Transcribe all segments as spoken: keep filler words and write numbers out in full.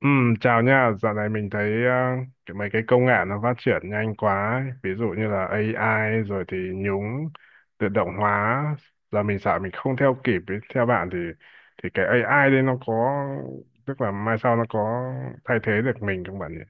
Ừ, chào nha, dạo này mình thấy uh, cái mấy cái công nghệ nó phát triển nhanh quá ấy. Ví dụ như là a i rồi thì nhúng tự động hóa giờ mình sợ mình không theo kịp ấy. Theo bạn thì thì cái a i đấy nó có tức là mai sau nó có thay thế được mình không bạn nhỉ?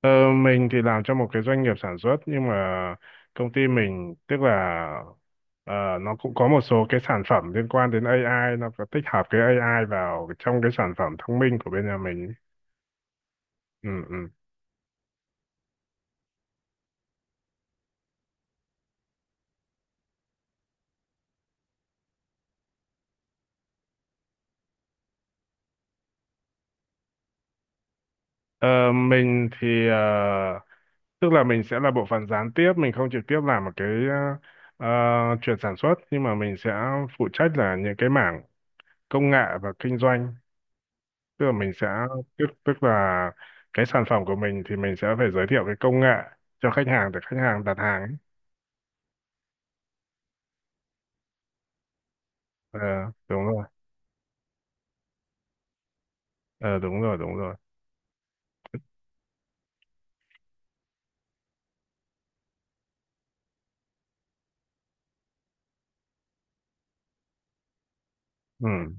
Ờ, mình thì làm cho một cái doanh nghiệp sản xuất nhưng mà công ty mình tức là ờ, nó cũng có một số cái sản phẩm liên quan đến ây ai, nó có tích hợp cái a i vào trong cái sản phẩm thông minh của bên nhà mình. Ừ, ừ. Ờ, mình thì ờ, tức là mình sẽ là bộ phận gián tiếp, mình không trực tiếp làm một cái ờ, ờ, chuyện sản xuất nhưng mà mình sẽ phụ trách là những cái mảng công nghệ và kinh doanh. Tức là mình sẽ tức tức là cái sản phẩm của mình thì mình sẽ phải giới thiệu cái công nghệ cho khách hàng để khách hàng đặt hàng ấy. Ờ, đúng rồi. Ờ, đúng rồi, đúng rồi. Ừ,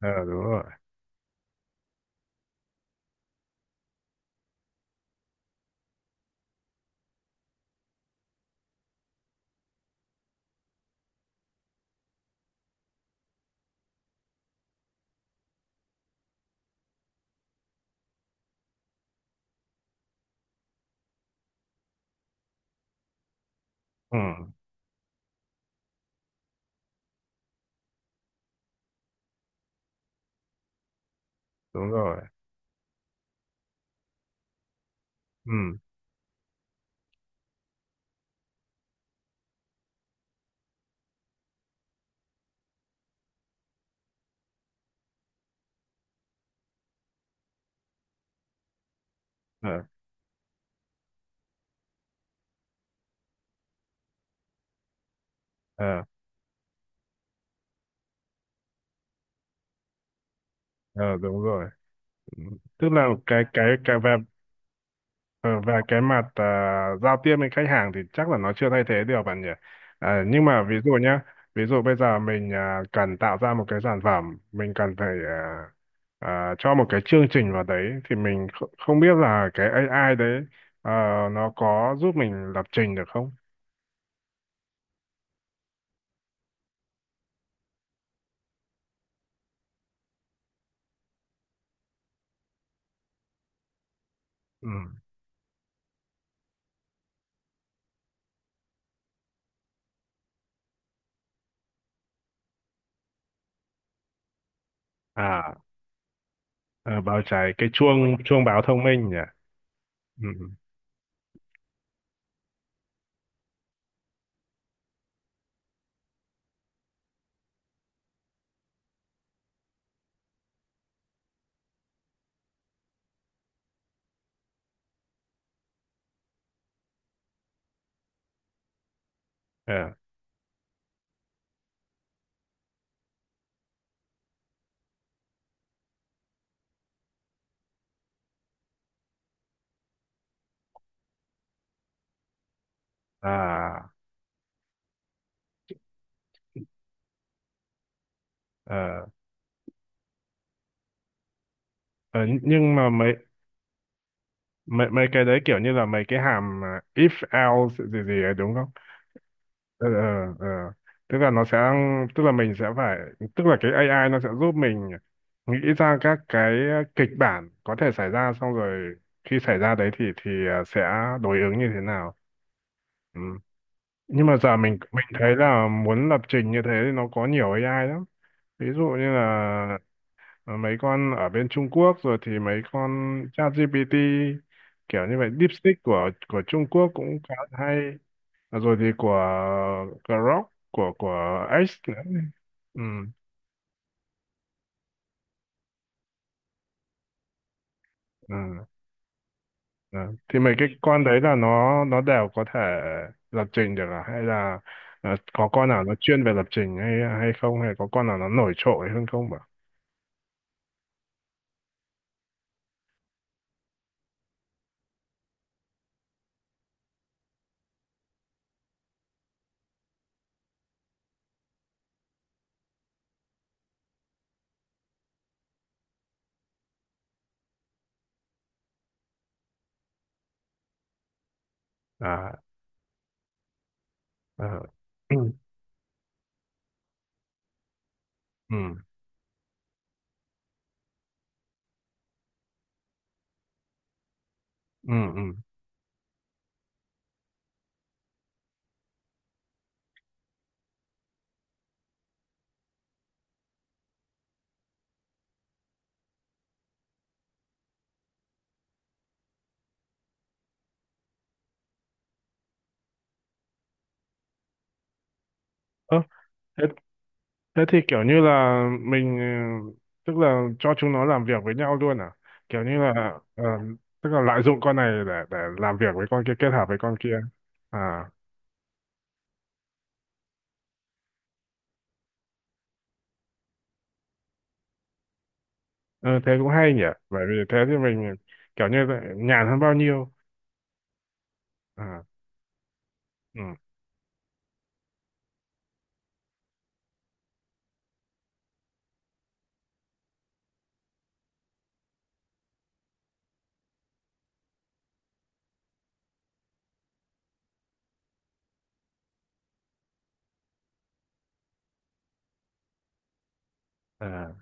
ờ, đúng rồi. Ừ, đúng rồi. Ừ, ờ, ờ, ờ, đúng rồi. Tức là cái cái cái về Ờ, về cái mặt à, giao tiếp với khách hàng thì chắc là nó chưa thay thế được bạn nhỉ. À, nhưng mà ví dụ nhá, ví dụ bây giờ mình à, cần tạo ra một cái sản phẩm, mình cần phải à, à, cho một cái chương trình vào đấy thì mình kh- không biết là cái ây ai đấy ờ, nó có giúp mình lập trình được không? Ừ. À, ờ, báo cháy cái chuông chuông báo thông minh nhỉ. Ừ, ừ. Ờ, À, ờ, ờ, nhưng mà mấy mấy mấy cái đấy kiểu như là mấy cái hàm à, if else gì gì ấy đúng không? ờ ờ ờ. Tức là nó sẽ tức là mình sẽ phải tức là cái a i nó sẽ giúp mình nghĩ ra các cái kịch bản có thể xảy ra, xong rồi khi xảy ra đấy thì thì à, sẽ đối ứng như thế nào. Ừ. Nhưng mà giờ mình mình thấy là muốn lập trình như thế thì nó có nhiều a i lắm, ví dụ như là, ờ, mấy con ở bên Trung Quốc rồi thì mấy con ChatGPT, kiểu như vậy. DeepSeek của của Trung Quốc cũng khá là hay. Ờ, rồi thì của Grok của của X nữa. ừ, ừ, ừ. Thì mấy cái con đấy là nó nó đều có thể lập trình được à? Hay là, ờ, có con nào nó chuyên về lập trình hay hay không, hay có con nào nó nổi trội hơn không ạ? À, à. ừ ừ ừ ừ. Ơ, thế Thế thì kiểu như là mình, ờ, tức là cho chúng nó làm việc với nhau luôn à? Kiểu như là, ờ, tức là lợi dụng con này để để làm việc với con kia, kết hợp với con kia. À, ừ, thế cũng hay nhỉ. Bởi vì thế thì mình kiểu như là nhàn hơn bao nhiêu. À, ừ, à,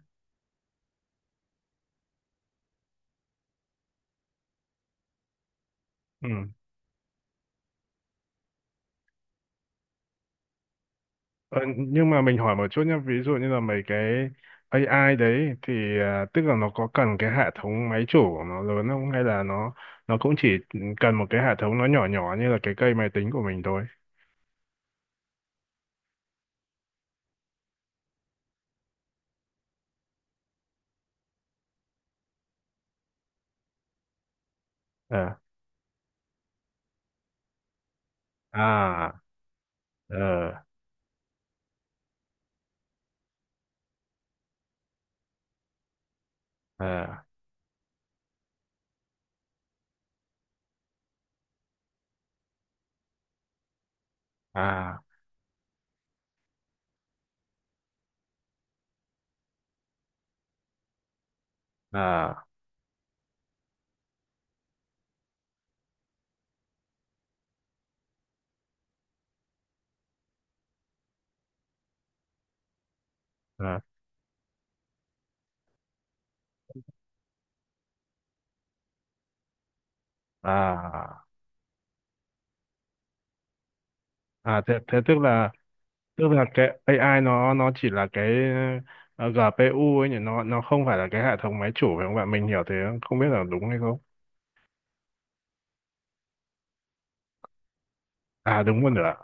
ừ. Ờ, nhưng mà mình hỏi một chút nhé, ví dụ như là mấy cái ây ai đấy thì, ờ, tức là nó có cần cái hệ thống máy chủ của nó lớn không, hay là nó nó cũng chỉ cần một cái hệ thống nó nhỏ nhỏ như là cái cây máy tính của mình thôi? Ờ à ờ ờ à à à à à thế thế tức là tức là cái a i nó nó chỉ là cái, ờ, giê pê u ấy nhỉ, nó nó không phải là cái hệ thống máy chủ phải không bạn? Mình hiểu thế không biết là đúng hay không. À, đúng một nửa.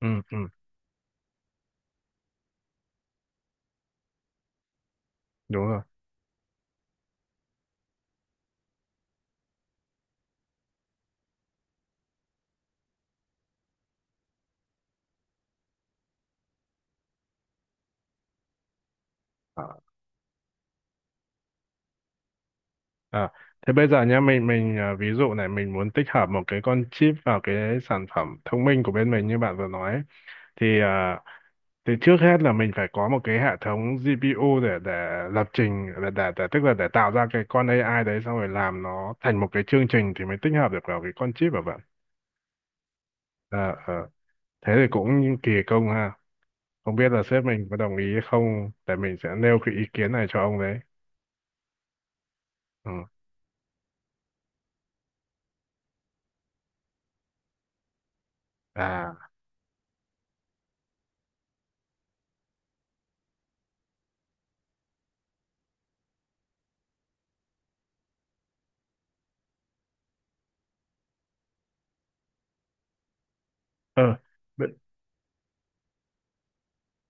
Ừ, ừ, đúng rồi. À, thế bây giờ nhá, mình mình à, ví dụ này mình muốn tích hợp một cái con chip vào cái sản phẩm thông minh của bên mình như bạn vừa nói ấy. Thì à, thì trước hết là mình phải có một cái hệ thống giê pê u để để lập trình để, để, để tức là để tạo ra cái con a i đấy xong rồi làm nó thành một cái chương trình thì mới tích hợp được vào cái con chip của bạn. À, thế thì cũng kỳ công ha, không biết là sếp mình có đồng ý hay không, để mình sẽ nêu cái ý kiến này cho ông đấy. Ừ. À, ờ,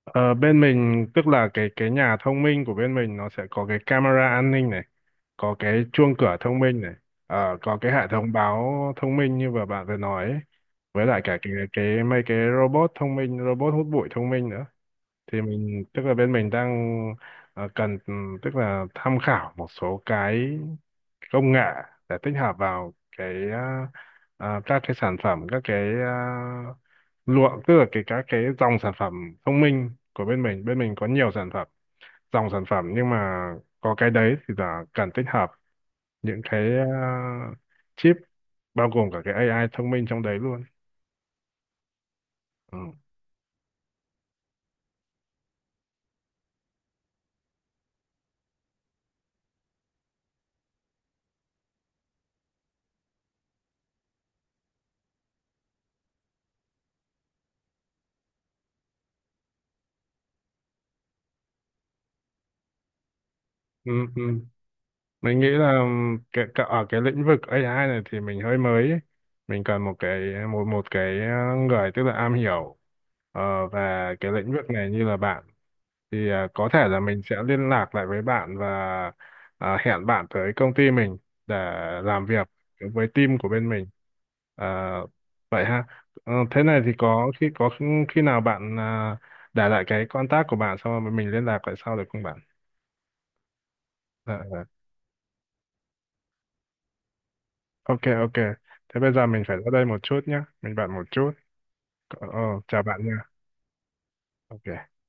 Ờ, bên mình tức là cái cái nhà thông minh của bên mình nó sẽ có cái camera an ninh này, có cái chuông cửa thông minh này, ờ, có cái hệ thống báo thông minh như vừa bạn vừa nói ấy, với lại cả cái cái mấy cái robot thông minh, robot hút bụi thông minh nữa. Thì mình tức là bên mình đang, ờ, cần, ừm, tức là tham khảo một số cái công nghệ để tích hợp vào cái à, à, các cái sản phẩm, các cái uh, lụa tức là cái các cái dòng sản phẩm thông minh của bên mình, bên mình có nhiều sản phẩm, dòng sản phẩm nhưng mà có cái đấy thì là cần tích hợp những cái à, chip bao gồm cả cái a i thông minh trong đấy luôn. Ừ. Ừ, ừ. Mình nghĩ là cái, cái, ở cái lĩnh vực A I này thì mình hơi mới ấy. Mình cần một cái một một cái uh, người tức là am hiểu, ờ, về cái lĩnh vực này như là bạn, thì à, có thể là mình sẽ liên lạc lại với bạn và à, hẹn bạn tới công ty mình để làm việc với team của bên mình. À, vậy ha. Ờ, thế này thì có khi có khi nào bạn à, để lại cái contact của bạn xong rồi mình liên lạc lại sau được không bạn? Dạ, dạ. Ok, ok. Thế bây giờ mình phải ra đây một chút nhé, mình bạn một chút. Ờ, ờ, chào bạn nha. Ok.